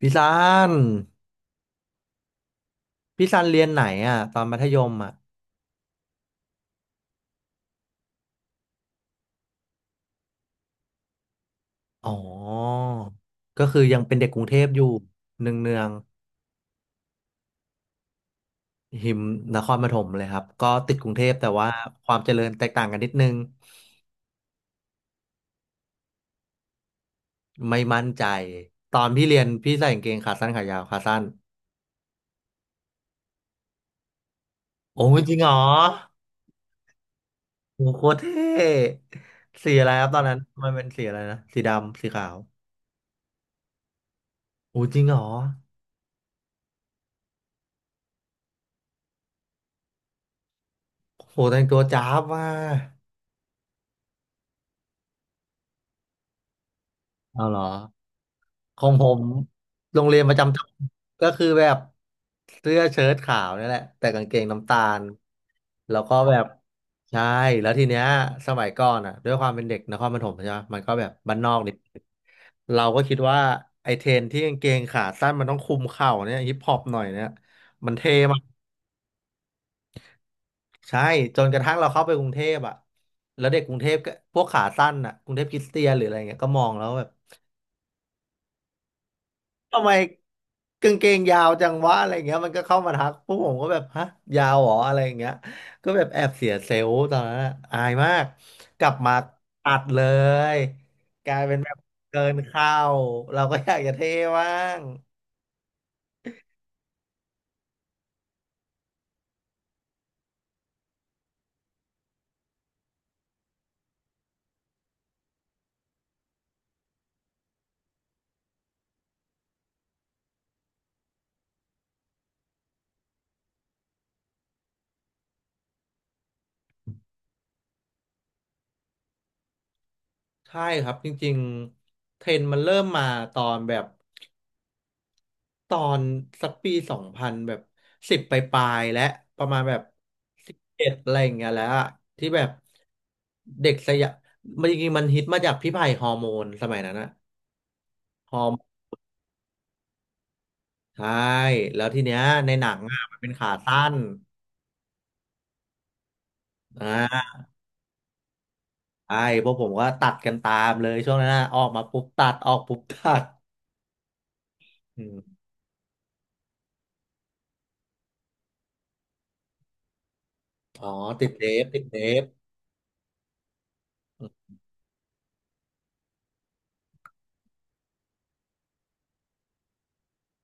พี่ซันพี่ซันเรียนไหนอ่ะตอนมัธยมอ่ะอ๋อก็คือยังเป็นเด็กกรุงเทพอยู่เนืองเนืองหิมนครปฐมเลยครับก็ติดกรุงเทพแต่ว่าความเจริญแตกต่างกันนิดนึงไม่มั่นใจตอนพี่เรียนพี่ใส่กางเกงขาสั้นขายาวขาสั้นโอ้ยจริงเหรอโอ้โคตรเท่สีอะไรครับตอนนั้นมันเป็นสีอะไรนะสีดำสีขาวโอ้จริงเหรอโหแต่งตัวจ้าบมากเอาเหรอ ของผมโรงเรียนประจำจังหวัดก็คือแบบเสื้อเชิ้ตขาวนี่แหละแต่กางเกงน้ำตาลแล้วก็แบบใช่แล้วทีเนี้ยสมัยก่อนอ่ะด้วยความเป็นเด็กนครปฐมใช่ไหมมันก็แบบบ้านนอกนิดนึงเราก็คิดว่าไอเทรนที่กางเกงขาสั้นมันต้องคลุมเข่าเนี่ยฮิปฮอปหน่อยเนี่ยมันเท่มากใช่จนกระทั่งเราเข้าไปกรุงเทพอ่ะแล้วเด็กกรุงเทพก็พวกขาสั้นอ่ะกรุงเทพคริสเตียนหรืออะไรเงี้ยก็มองแล้วแบบ ทำไมกางเกงยาวจังวะอะไรเงี้ยมันก็เข้ามาทักพวกผมก็แบบฮะยาวเหรออะไรอย่างเงี้ยก็แบบแอบเสียเซลล์ตอนนั้นอะอายมากกลับมาตัดเลยกลายเป็นแบบเกินเข้าเราก็อยากจะเท่บ้างใช่ครับจริงๆเทรนด์มันเริ่มมาตอนแบบ ตอนสักปีสองพันแบบสิบปลายๆและประมาณแบบสิบเอ็ดอะไรอย่างเงี้ยแล้วอะที่แบบเด็กสยามมันจริงๆมันฮิตมาจากพี่ไผ่ฮอร์โมนสมัยนั้นนะฮอร์โมนใช่แล้วทีเนี้ยในหนังอ่ะมันเป็นขาสั้นอ่าใช่พวกผมก็ตัดกันตามเลยช่วงนั้นนะออกมาปุ๊บตัดออกปุ๊บตัดอืมอ๋อติดเดฟ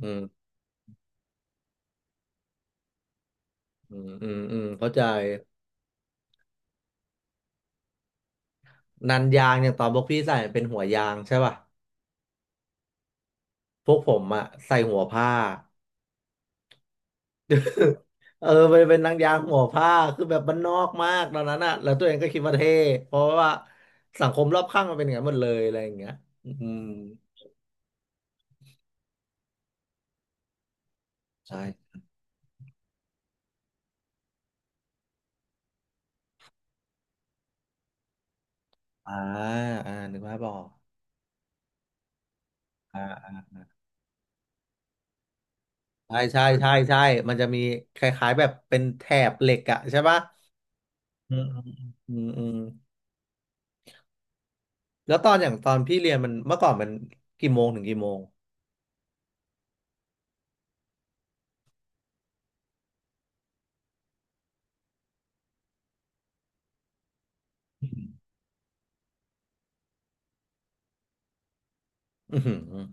อืมอืมอืมอืมเข้าใจนันยางอย่างตอนพวกพี่ใส่เป็นหัวยางใช่ป่ะ พวกผมอะใส่หัวผ้าเออไปนเป็นนางยางหัวผ้าคือแบบบ้านนอกมากตอนนั้นอะแล้วตัวเองก็คิดว่าเท่เพราะว่าสังคมรอบข้างมันเป็นอย่างนั้นหมดเลยอะไรอย่างเงี้ยอืมใช่อ่าอ่านึกภาพออกอ่าใช่ใช่ใช่ใช่มันจะมีคล้ายๆแบบเป็นแถบเหล็กอะใช่ปะอืมอืมอืมอืมแล้วตอนอย่างตอนพี่เรียนมันเมื่อก่อนมันกี่โมงถึงกี่โมงอืมอืม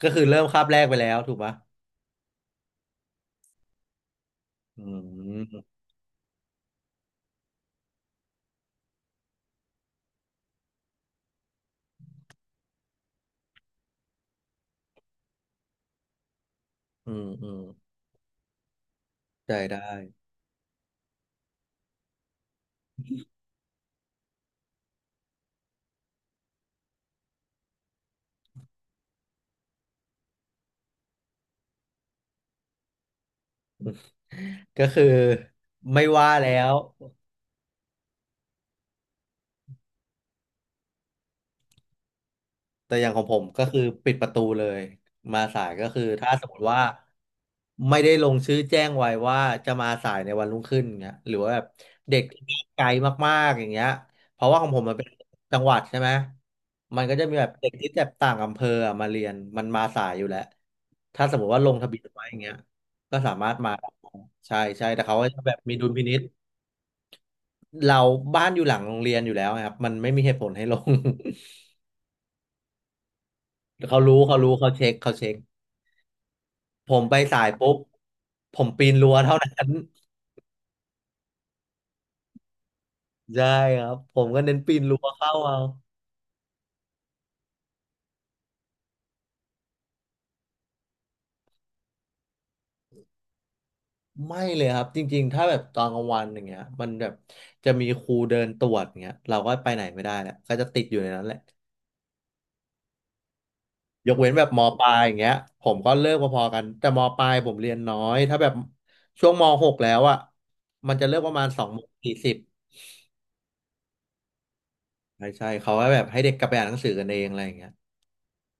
ก็คือเริ่มคาบแรกไปแล้วถูกปะอืมอืมอืม ได้ได้ก็คือไม่ว่าแล้วแต่อย่างของผมก็คือปิดประตูเลยมาสายก็คือถ้าสมมติว่าไม่ได้ลงชื่อแจ้งไว้ว่าจะมาสายในวันรุ่งขึ้นเงี้ยหรือว่าแบบเด็กที่ไกลมากๆอย่างเงี้ยเพราะว่าของผมมันเป็นจังหวัดใช่ไหมมันก็จะมีแบบเด็กที่แบบต่างอำเภออะมาเรียนมันมาสายอยู่แล้วถ้าสมมติว่าลงทะเบียนไว้อย่างเงี้ยก็สามารถมาได้ใช่ใช่แต่เขาก็จะแบบมีดุลพินิจ เราบ้านอยู่หลังโรงเรียนอยู่แล้วครับมันไม่มีเหตุผลให้ลง เขารู้เขารู้เขาเช็คผมไปสายปุ๊บผมปีนรั้วเท่านั้น ใช่ครับผมก็เน้นปีนรั้วเข้าเอาไม่เลยครับจริงๆถ้าแบบตอนกลางวันอย่างเงี้ยมันแบบจะมีครูเดินตรวจอย่างเงี้ยเราก็ไปไหนไม่ได้แหละก็จะติดอยู่ในนั้นแหละยกเว้นแบบมปลายอย่างเงี้ยผมก็เลิกพอๆกันแต่มปลายผมเรียนน้อยถ้าแบบช่วงมหกแล้วอ่ะมันจะเลิกประมาณสองโมงสี่สิบ ใช่ใช่เขาก็แบบให้เด็กกลับไปอ่านหนังสือกันเองอะไรอย่างเงี้ย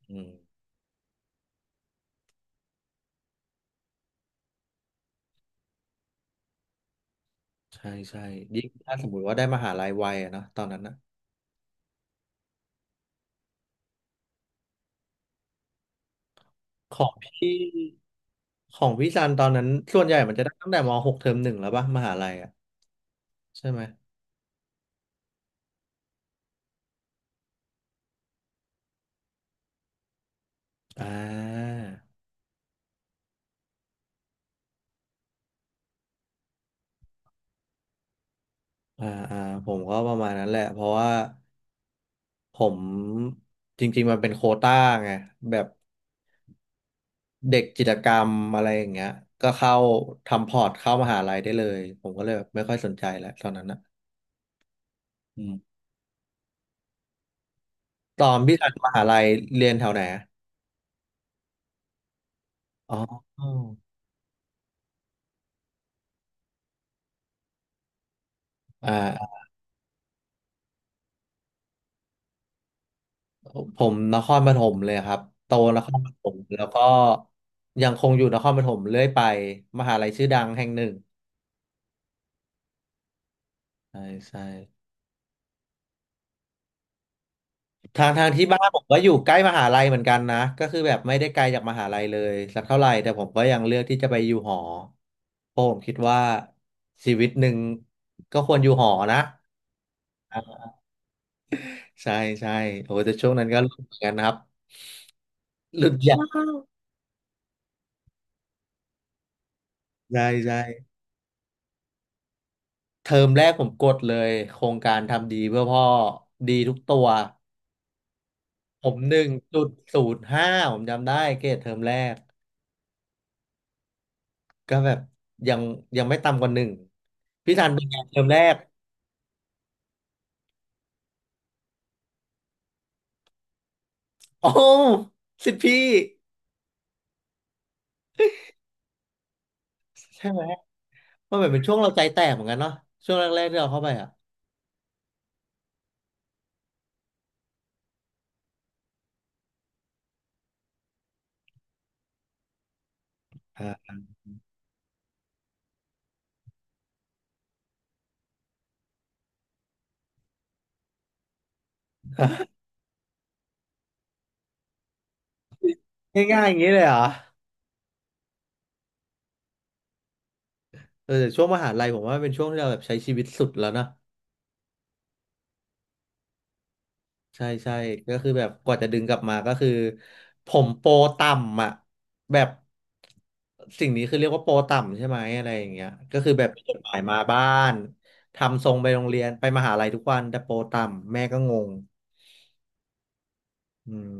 อืมใช่ใช่ยิ่งถ้าสมมติว่าได้มหาลัยวัยอะเนาะตอนนั้นนะของพี่ของพี่ซันตอนนั้นส่วนใหญ่มันจะได้ตั้งแต่ม .6 เทอมหนึ่งแล้วป่ะมหาลัยอ่ะใช่ไหมอ่าอ่าอ่าผมก็ประมาณนั้นแหละเพราะว่าผมจริงๆมันเป็นโควต้าไงแบบเด็กกิจกรรมอะไรอย่างเงี้ยก็เข้าทำพอร์ตเข้ามหาลัยได้เลยผมก็เลยแบบไม่ค่อยสนใจแล้วตอนนั้นนะ ตอนพี่ทันมหาลัยเรียนแถวไหนอะอ๋ออ่าผมนครปฐมเลยครับโตนครปฐมแล้วก็ยังคงอยู่นครปฐมเรื่อยไปมหาลัยชื่อดังแห่งหนึ่งใช่ใช่ทางที่บ้านผมก็อยู่ใกล้มหาลัยเหมือนกันนะก็คือแบบไม่ได้ไกลจากมหาลัยเลยสักเท่าไหร่แต่ผมก็ยังเลือกที่จะไปอยู่หอเพราะผมคิดว่าชีวิตหนึ่งก็ควรอยู่หอนะใช่ใช่โอ้แต่ช่วงนั้นก็รุ้เหมือนกันนะครับหลุดยาวใช่ใช่ เทอมแรกผมกดเลยโครงการทำดีเพื่อพ่อดีทุกตัวผมหนึ่งจุดศูนย์ห้าผมจำได้เกรดเทอมแรกก็แบบยังยังไม่ต่ำกว่าหนึ่งพี่ธันเป็นไงเทอมแรกโอ้สิทธิ์พี่ใช่ไหมมันเหมือนเป็นช่วงเราใจแตกเหมือนกันเนาะช่วงแรกๆที่เราเข้าไปอ่ะฮะง่ายๆอย่างนี้เลยเหรอเออแต่ช่วงมหาลัยผมว่าเป็นช่วงที่เราแบบใช้ชีวิตสุดแล้วนะ ใช่ใช่ก็คือแบบกว่าจะดึงกลับมาก็คือผมโปรต่ำอ่ะแบบสิ่งนี้คือเรียกว่าโปรต่ำใช่ไหมอะไรอย่างเงี้ยก็คือแบบมีจดหมายมาบ้านทำทรงไปโรงเรียนไปมหาลัยทุกวันแต่โปรต่ำแม่ก็งงอืม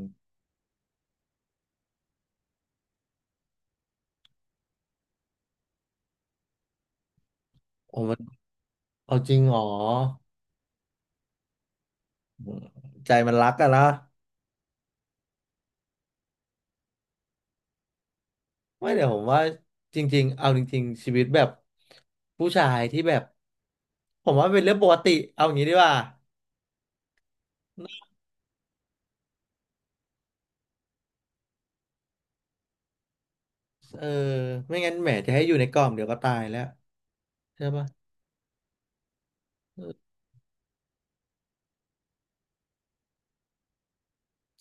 ผมว่าเอาจริงเหรอใจมันรักอะนะไม่เดี๋ยวผมว่าจริงๆเอาจริงๆชีวิตแบบผู้ชายที่แบบผมว่าเป็นเรื่องปกติเอาอย่างนี้ดีกว่า เออไม่งั้นแหมจะให้อยู่ในกล่องเดี๋ยวก็ตายแล้วใช่ปะเออ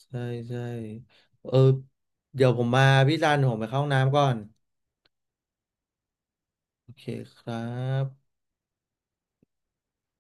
ใช่ใช่เออเดี๋ยวผมมาพี่ซันผมไปเข้าห้องน้ำก่อนโอเคครับ